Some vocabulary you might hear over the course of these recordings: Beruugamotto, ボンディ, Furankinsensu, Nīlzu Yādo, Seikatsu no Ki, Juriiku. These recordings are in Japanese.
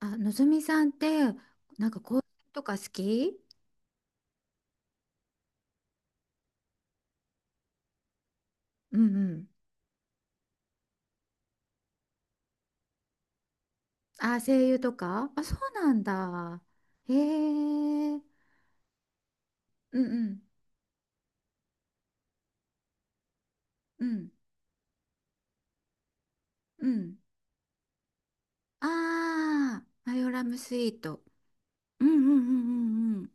あ、のぞみさんって、なんかこう、とか好き。うんうん。あ、声優とか、あ、そうなんだ。へえ。うんうんうんうん。ああ、マヨラムスイート。うんうんうんうんうん。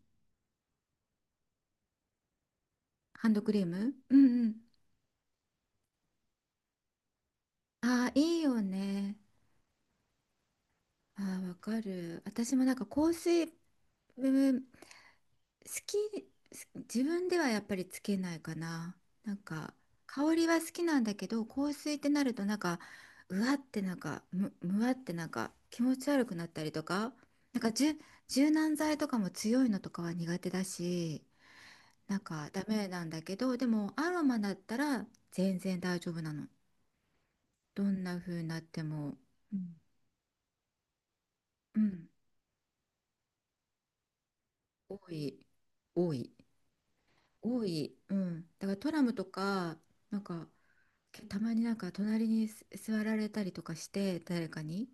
ハンドクリーム。うんうん。ああ、いいよね。ああ、わかる。私もなんか香水好き、自分ではやっぱりつけないかな。なんか香りは好きなんだけど、香水ってなるとなんか、うわって、なんかむわってなんか気持ち悪くなったりとか、なんか柔軟剤とかも強いのとかは苦手だし、なんかダメなんだけど、でもアロマだったら全然大丈夫なの。どんな風になっても。うん、うん。多い、多い、多い。うん。だからトラムとか、なんか、たまになんか隣に座られたりとかして、誰かに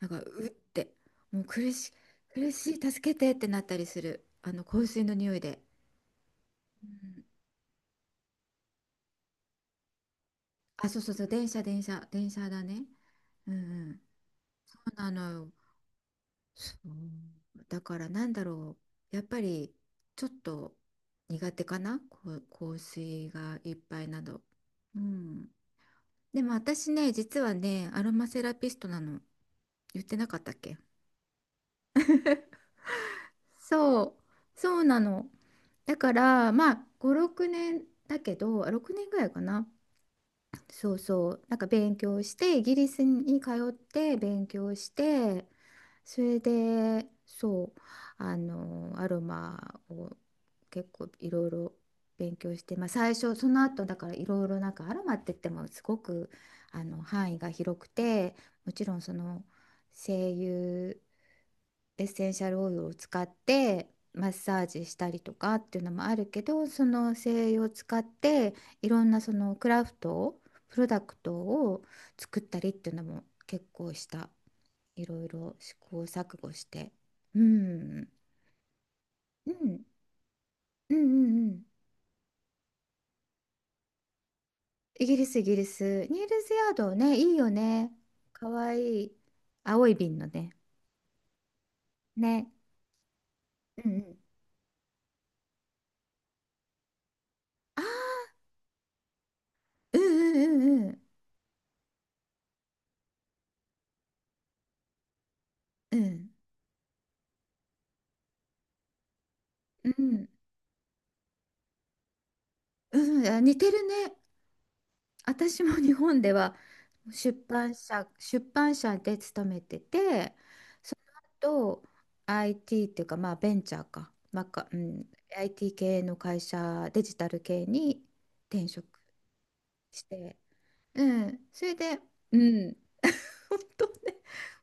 なんか、うって、もう苦しい、苦しい、助けてってなったりする、あの香水の匂いで。うん。あ、そうそうそう、電車電車電車だね。うんうん。そうなのよ。そうだから、なんだろう、やっぱりちょっと苦手かな、こう、香水がいっぱいなど。うん。でも私ね、実はねアロマセラピストなの。言ってなかったっけ。そう、そうなの。だから、まあ、5、6年だけど、あ、6年ぐらいかな。そうそう。なんか勉強して、イギリスに通って勉強して、それで、そう、アロマを結構いろいろ勉強して、まあ、最初、その後、だからいろいろ、なんかアロマって言ってもすごく、範囲が広くて、もちろんその、精油、エッセンシャルオイルを使ってマッサージしたりとかっていうのもあるけど、その精油を使っていろんなそのクラフトを、プロダクトを作ったりっていうのも結構した。いろいろ試行錯誤して、うんうんうんうんうん、イギリス、イギリス、ニールズヤードね、いいよね。かわいい、青い瓶のね。うんうん、あー、うんうんうんうんうんうんうん、あ、似てるね。私も日本では出版社で勤めてて、その後 IT っていうか、まあベンチャーか、うん、IT 系の会社、デジタル系に転職して、うん、それで、うん、本当ね、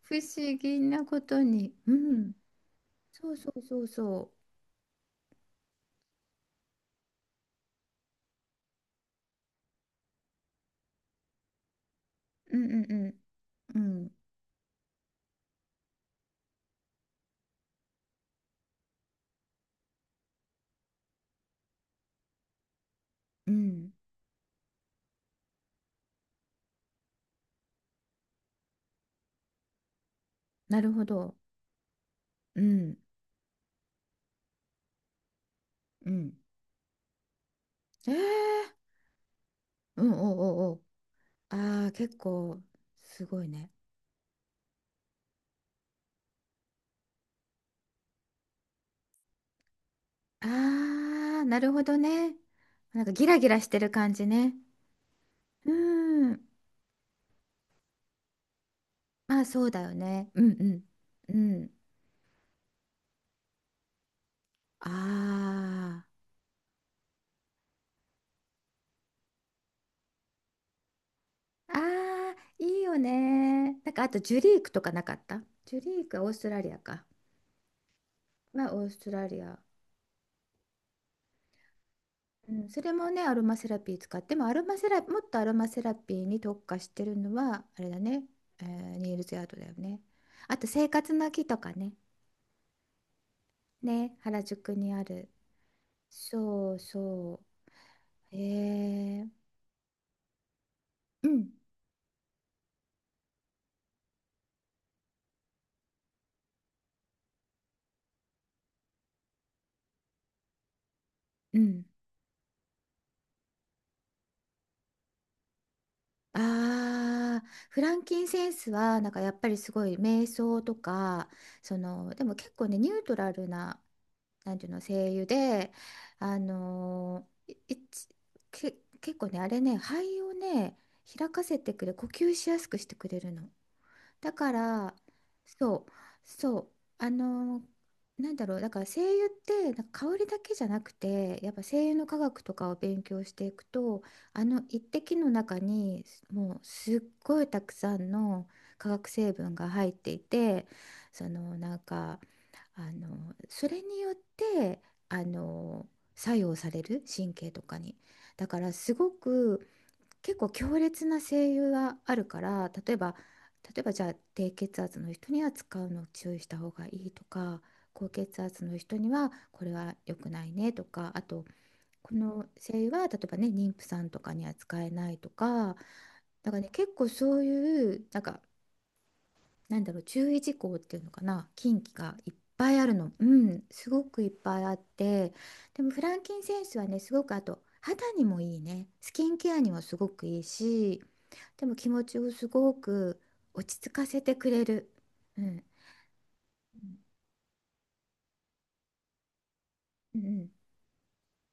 不思議なことに、うん、そうそうそうそう、うんうんうん、うん、うん、なるほど、うん、うん。えー、うん、おう、おう、ああ、結構すごいね。ああ、なるほどね。なんかギラギラしてる感じね。うん。まあそうだよね。うんうん。うん。ああ。ああ、いいよね。なんかあとジュリークとか、なかった。ジュリークはオーストラリアか。まあオーストラリア。うん、それもね、アロマセラピー使っても、アロマセラ、もっとアロマセラピーに特化してるのは、あれだね、ニールズヤードだよね。あと生活の木とかね。ね、原宿にある。そうそう。うん、うん。ああ、フランキンセンスは、なんかやっぱりすごい瞑想とか、その、でも結構ね、ニュートラルな、なんていうの、声優で、あのーいいちけ、結構ね、あれね、肺をね、開かせてくれ、呼吸しやすくしてくれるの。だから、そう、そう、あのーなんだろう、だから精油ってなんか香りだけじゃなくて、やっぱ精油の科学とかを勉強していくと、一滴の中にもうすっごいたくさんの化学成分が入っていて、そのなんか、それによってあの作用される神経とかに、だからすごく結構強烈な声優があるから、例えば、例えばじゃあ低血圧の人には使うのを注意した方がいいとか、高血圧の人にはこれは良くないねとか、あとこの声優は例えばね妊婦さんとかには使えないとか、だからね、結構そういう、なんか、なんだろう、注意事項っていうのかな、禁忌がいっぱいあるの。うん、すごくいっぱいあって、でもフランキンセンスはね、すごくあと肌にもいいね、スキンケアにもすごくいいし、でも気持ちをすごく落ち着かせてくれる。うんうんうん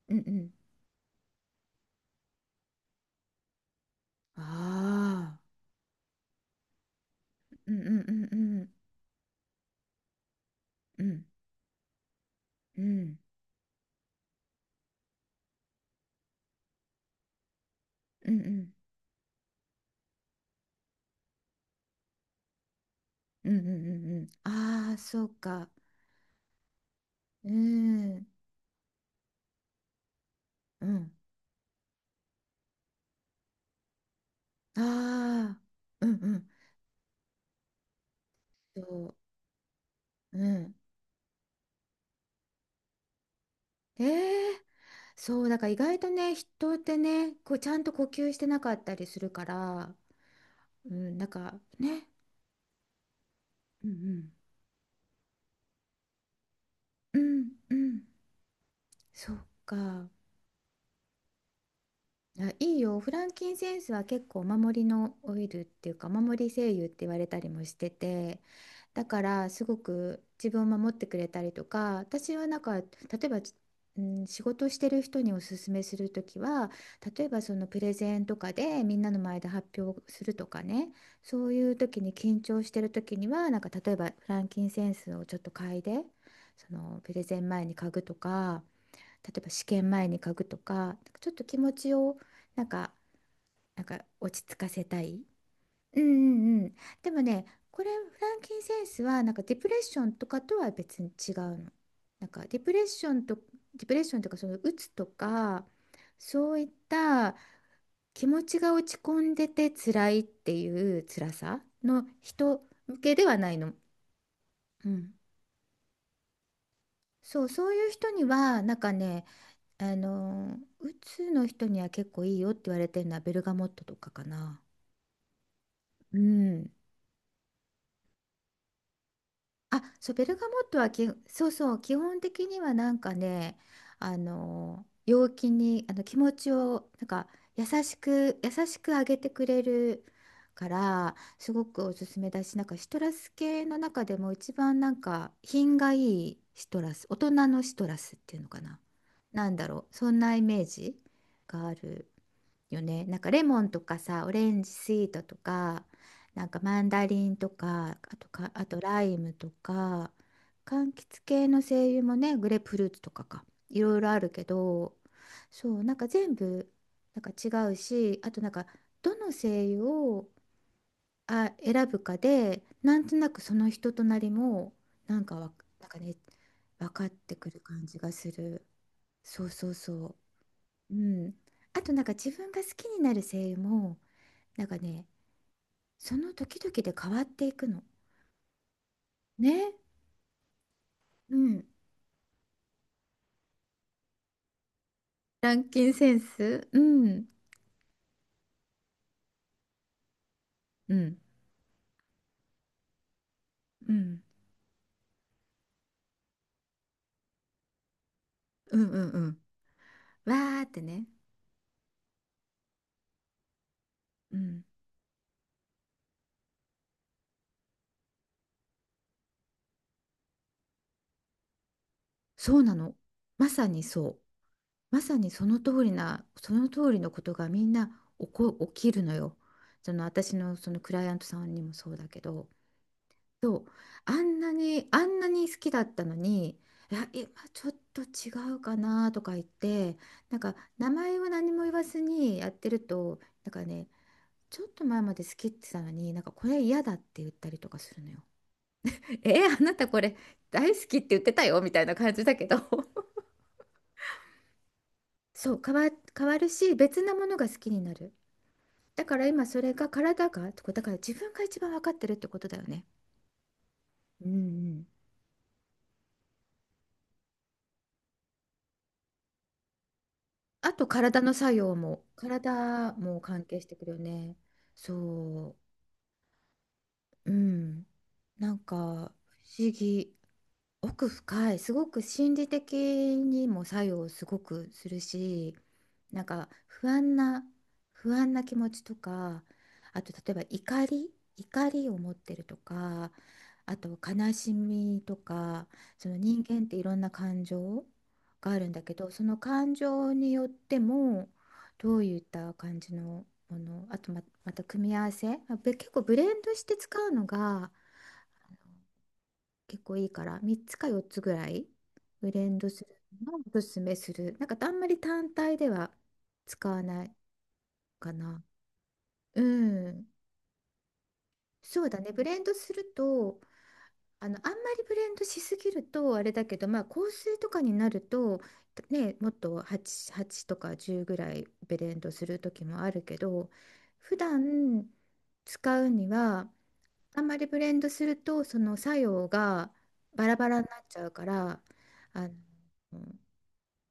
うんうん、ああー、うんうんうんうんうんうんうんうんうん、うんうんうん、ああー、そうか、うんうん、ああー、うんうん、そう。うん。ええ、そう、だから意外とね、人ってね、こうちゃんと呼吸してなかったりするから、うん、なんかね、うんうん、うんうん、そっか。あ、いいよ。フランキンセンスは結構お守りのオイルっていうか、お守り精油って言われたりもしてて、だからすごく自分を守ってくれたりとか、私はなんか、例えば、うん、仕事してる人におすすめするときは、例えばそのプレゼンとかでみんなの前で発表するとかね、そういう時に緊張してる時には、なんか、例えばフランキンセンスをちょっと嗅いで、そのプレゼン前に嗅ぐとか、例えば試験前に書くとか、なんかちょっと気持ちをなんか、なんか落ち着かせたい。うんうんうん。でもね、これフランキンセンスはなんかディプレッションとかとは別に違うの。なんかディプレッションと、ディプレッションとかそのうつとか、そういった気持ちが落ち込んでて辛いっていう辛さの人向けではないの。うん。そう、そういう人にはなんかね、あのうつの人には結構いいよって言われてるのはベルガモットとかかな。うん。あ、そう、ベルガモットはそうそう、基本的にはなんかね、あの陽気にあの気持ちをなんか優しく、優しく上げてくれるから、すごくおすすめだし、なんかシトラス系の中でも一番なんか品がいいシトラス、大人のシトラスっていうのかな。なんだろう、そんなイメージがある。よね。なんかレモンとかさ、オレンジスイートとか、なんかマンダリンとか、あとか、あとライムとか、柑橘系の精油もね、グレープフルーツとかか、いろいろあるけど、そう、なんか全部なんか違うし、あとなんか、どの精油を選ぶかで、なんとなくその人となりもなんかなんかね、分かってくる感じがする。そうそうそう。うん、あとなんか自分が好きになる声優もなんかね、その時々で変わっていくの。ね。うん。ランキンセンス。うん。うん。うん。うんうんうん。わーってね。うん。そうなの。まさにそう。まさにその通りな、その通りのことがみんな起きるのよ。その私のそのクライアントさんにもそうだけど。そう、あんなに、あんなに好きだったのに、いや今ちょっと違うかなとか言って、なんか名前は何も言わずにやってるとなんかね、ちょっと前まで好きって言ってたのになんかこれ嫌だって言ったりとかするのよ。えあなたこれ大好きって言ってたよみたいな感じだけど そう変わるし、別なものが好きになる、だから今それが体がだから自分が一番分かってるってことだよね。うんうん、あと体の作用も、体も関係してくるよね。そう、うん。なんか不思議。奥深い、すごく心理的にも作用すごくするし、なんか不安な、不安な気持ちとか、あと例えば怒り、怒りを持ってるとか、あと悲しみとか、その人間っていろんな感情があるんだけど、その感情によっても、どういった感じのもの、あとま、また組み合わせ、まあ結構ブレンドして使うのが結構いいから、3つか4つぐらいブレンドするのをおすすめする。なんかあんまり単体では使わないかな。うん、そうだね、ブレンドすると、あのあんまりブレンドしすぎるとあれだけど、まあ香水とかになるとね、もっと 8, 8とか10ぐらいブレンドする時もあるけど、普段使うにはあんまりブレンドするとその作用がバラバラになっちゃうから、あの、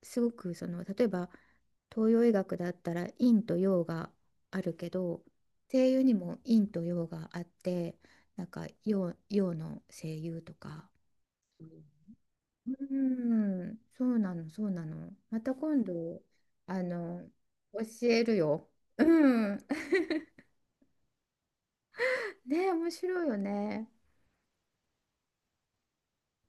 すごくその、例えば東洋医学だったら陰と陽があるけど、声優にも陰と陽があって、なんか陽の声優とか、うーん、そうなの、そうなの、また今度、あの教えるよ。うん ね、面白いよね。